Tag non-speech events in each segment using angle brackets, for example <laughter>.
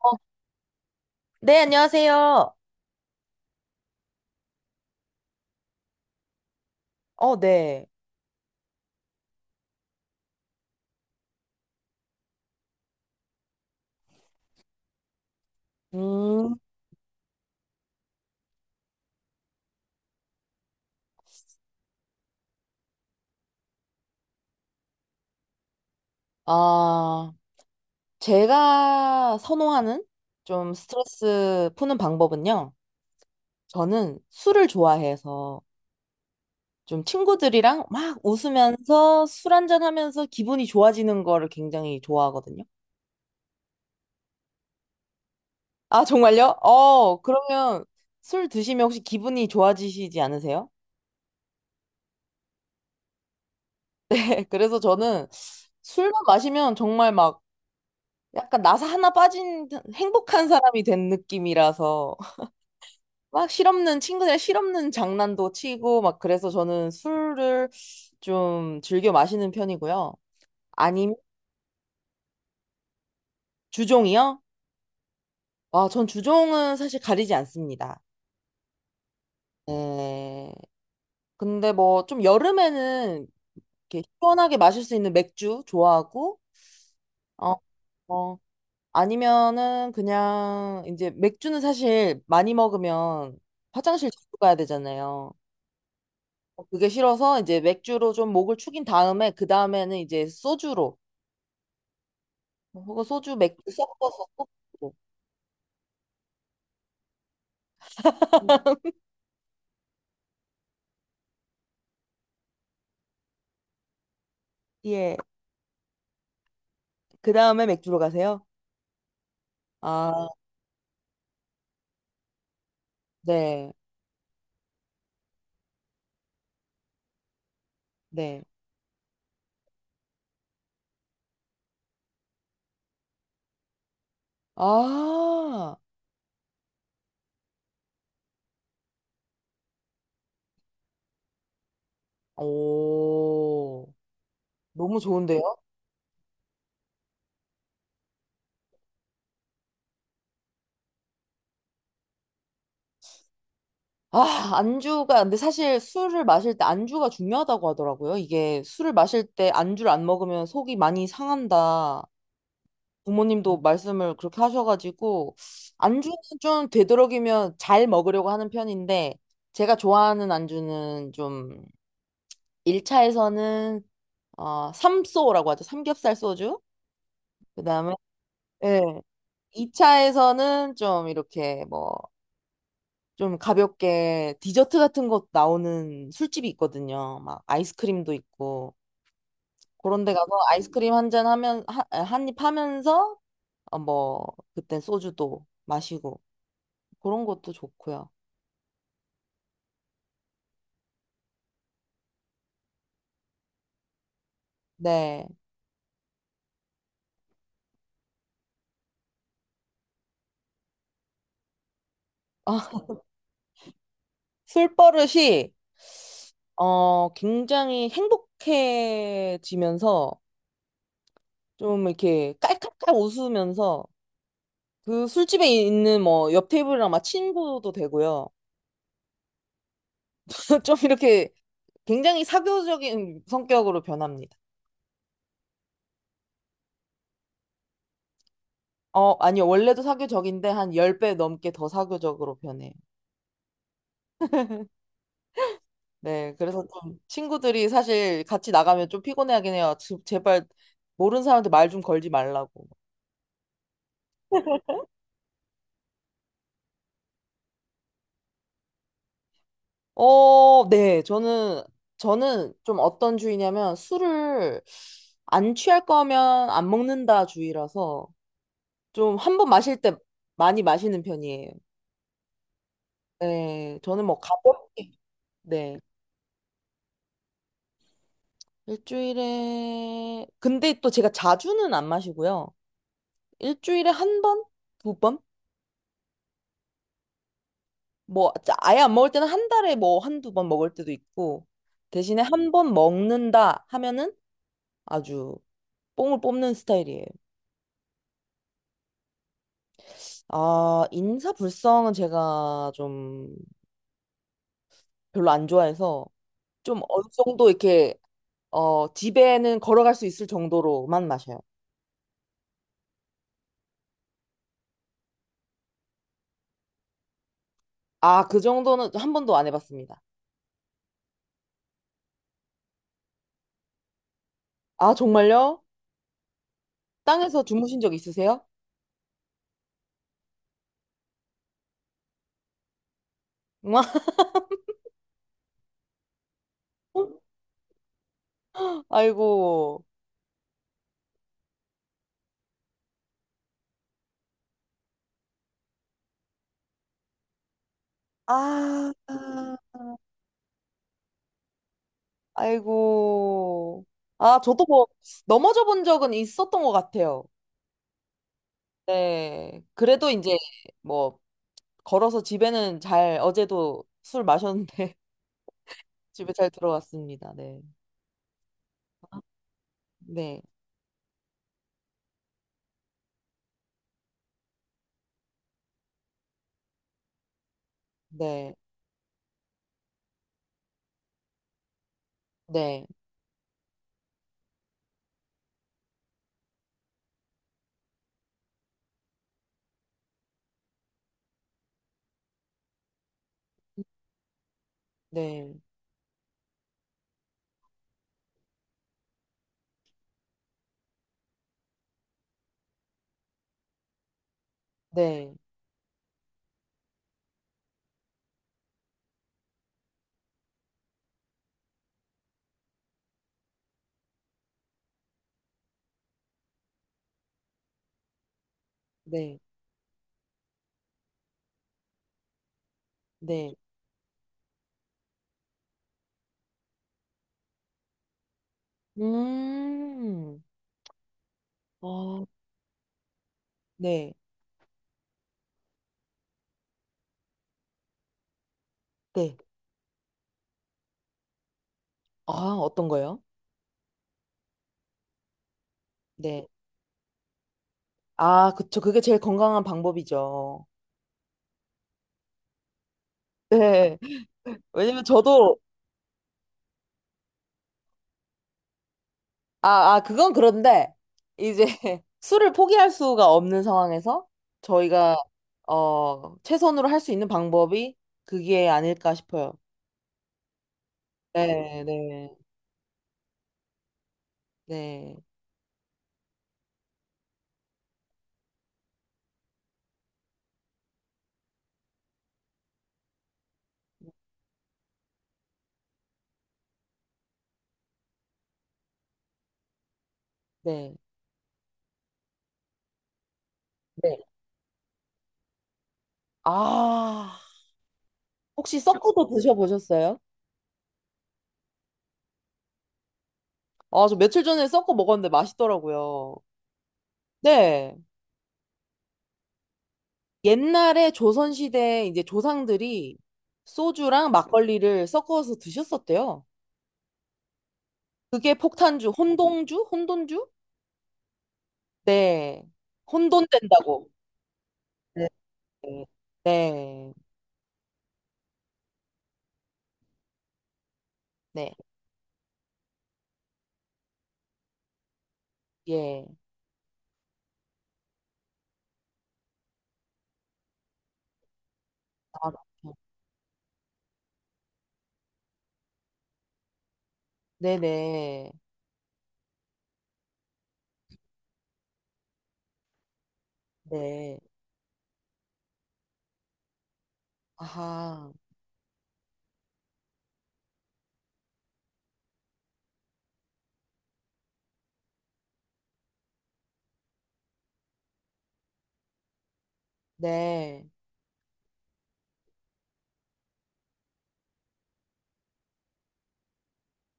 어, 네, 안녕하세요. 어, 네. 음, 아, 제가 선호하는 좀 스트레스 푸는 방법은요. 저는 술을 좋아해서 좀 친구들이랑 막 웃으면서 술 한잔 하면서 기분이 좋아지는 거를 굉장히 좋아하거든요. 아, 정말요? 어, 그러면 술 드시면 혹시 기분이 좋아지시지 않으세요? <laughs> 그래서 저는 술만 마시면 정말 막 약간 나사 하나 빠진 듯 행복한 사람이 된 느낌이라서 막 실없는 친구들 실없는 장난도 치고 막 그래서 저는 술을 좀 즐겨 마시는 편이고요. 아니면 주종이요? 아, 전 주종은 사실 가리지 않습니다. 네. 근데 뭐 좀 여름에는 이렇게 시원하게 마실 수 있는 맥주 좋아하고 어, 어 아니면은 그냥 이제 맥주는 사실 많이 먹으면 화장실 자주 가야 되잖아요. 그게 싫어서 이제 맥주로 좀 목을 축인 다음에 그 다음에는 이제 소주로 뭐 그거 소주 맥주 섞어서 소주. 예. 그 다음에 맥주로 가세요? 아, 네. 네. 아, 오. 너무 좋은데요? 아, 안주가, 근데 사실 술을 마실 때 안주가 중요하다고 하더라고요. 이게 술을 마실 때 안주를 안 먹으면 속이 많이 상한다. 부모님도 말씀을 그렇게 하셔가지고, 안주는 좀 되도록이면 잘 먹으려고 하는 편인데, 제가 좋아하는 안주는 좀, 1차에서는 어, 삼소라고 하죠. 삼겹살 소주. 그다음에 예. 2차에서는 좀 이렇게 뭐 좀 가볍게 디저트 같은 것 나오는 술집이 있거든요. 막 아이스크림도 있고 그런 데 가서 아이스크림 한 잔 하면 한 입 하면서 어, 뭐 그땐 소주도 마시고 그런 것도 좋고요. 네. 아, 술버릇이 굉장히 행복해지면서 좀 이렇게 깔깔깔 웃으면서 그 술집에 있는 뭐 옆 테이블이랑 막 친구도 되고요. <laughs> 좀 이렇게 굉장히 사교적인 성격으로 변합니다. 어, 아니요. 원래도 사교적인데 한 10배 넘게 더 사교적으로 변해요. 네. 그래서 좀 친구들이 사실 같이 나가면 좀 피곤해하긴 해요. 제발 모르는 사람한테 말 좀 걸지 말라고. 어, 네. 저는 좀 어떤 주의냐면 술을 안 취할 거면 안 먹는다 주의라서 좀 한 번 마실 때 많이 마시는 편이에요. 네, 저는 뭐 가볍게, 네, 일주일에, 근데 또 제가 자주는 안 마시고요. 일주일에 한 번? 두 번? 뭐, 아예 안 먹을 때는 한 달에 뭐 한두 번 먹을 때도 있고, 대신에 한 번 먹는다 하면은 아주 뽕을 뽑는 스타일이에요. 아, 인사불성은 제가 좀 별로 안 좋아해서 좀 어느 정도 이렇게, 어, 집에는 걸어갈 수 있을 정도로만 마셔요. 아, 그 정도는 한 번도 안 해봤습니다. 아, 정말요? 땅에서 주무신 적 있으세요? <laughs> 아이고. 아, 아이고. 아, 저도 뭐, 넘어져 본 적은 있었던 것 같아요. 네. 그래도 이제, 뭐, 걸어서 집에는 잘, 어제도 술 마셨는데, <laughs> 집에 잘 들어왔습니다. 네. 네. 네. 네. 네. 네. 네. 네. 음. 어, 네. 네. 아, 어떤 거요? 네. 아, 그쵸. 그게 제일 건강한 방법이죠. 네. 왜냐면 저도, 아, 아, 그건 그런데, 이제 <laughs> 술을 포기할 수가 없는 상황에서 저희가, 어, 최선으로 할 수 있는 방법이 그게 아닐까 싶어요. 네, 네, 네, 네, 네. 아, 혹시 섞어도 드셔보셨어요? 아, 저 며칠 전에 섞어 먹었는데 맛있더라고요. 네. 옛날에 조선시대 이제 조상들이 소주랑 막걸리를 섞어서 드셨었대요. 그게 폭탄주, 혼동주? 혼돈주? 네. 혼돈된다고. 네. 네. 네. 예. 아, 네네. 네. 네. 네. 아하. 네.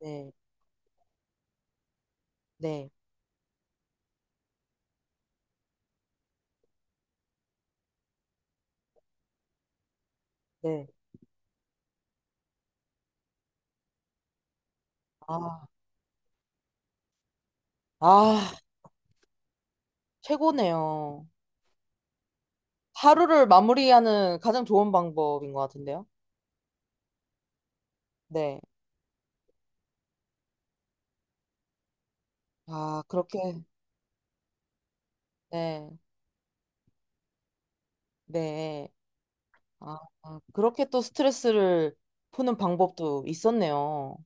네. 네. 네. 아. 아, 최고네요. 하루를 마무리하는 가장 좋은 방법인 것 같은데요. 네. 아, 그렇게. 네. 네. 아, 아, 그렇게 또 스트레스를 푸는 방법도 있었네요.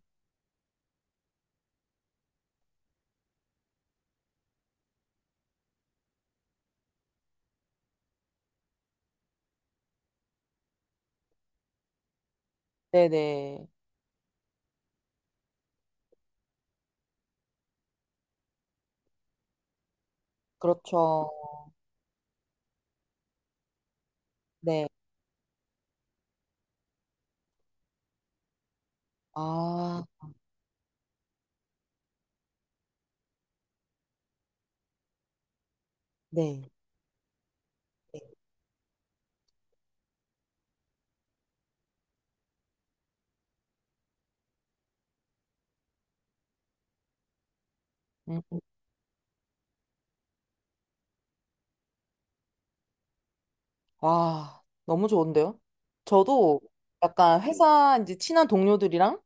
네네. 그렇죠. 네. 아, 네. 네. 음, 와, 너무 좋은데요? 저도 약간 회사 이제 친한 동료들이랑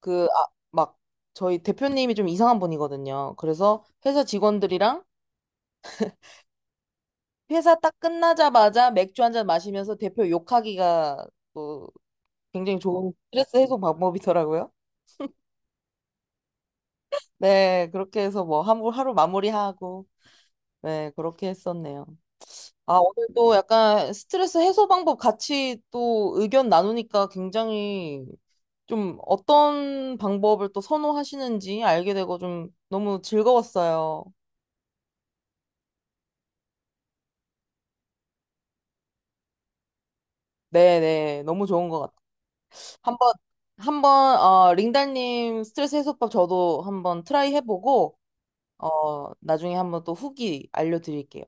그, 아, 막 저희 대표님이 좀 이상한 분이거든요. 그래서 회사 직원들이랑 회사 딱 끝나자마자 맥주 한 잔 마시면서 대표 욕하기가 또 굉장히 좋은 스트레스 해소 방법이더라고요. 네, 그렇게 해서 뭐 하루, 하루 마무리하고, 네, 그렇게 했었네요. 아, 오늘 또 약간 스트레스 해소 방법 같이 또 의견 나누니까 굉장히 좀 어떤 방법을 또 선호하시는지 알게 되고 좀 너무 즐거웠어요. 네네, 너무 좋은 것 같아요. 한번, 한번, 어, 링달님 스트레스 해소법 저도 한번 트라이 해보고, 어, 나중에 한번 또 후기 알려드릴게요.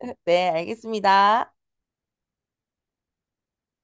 <laughs> 네, 알겠습니다.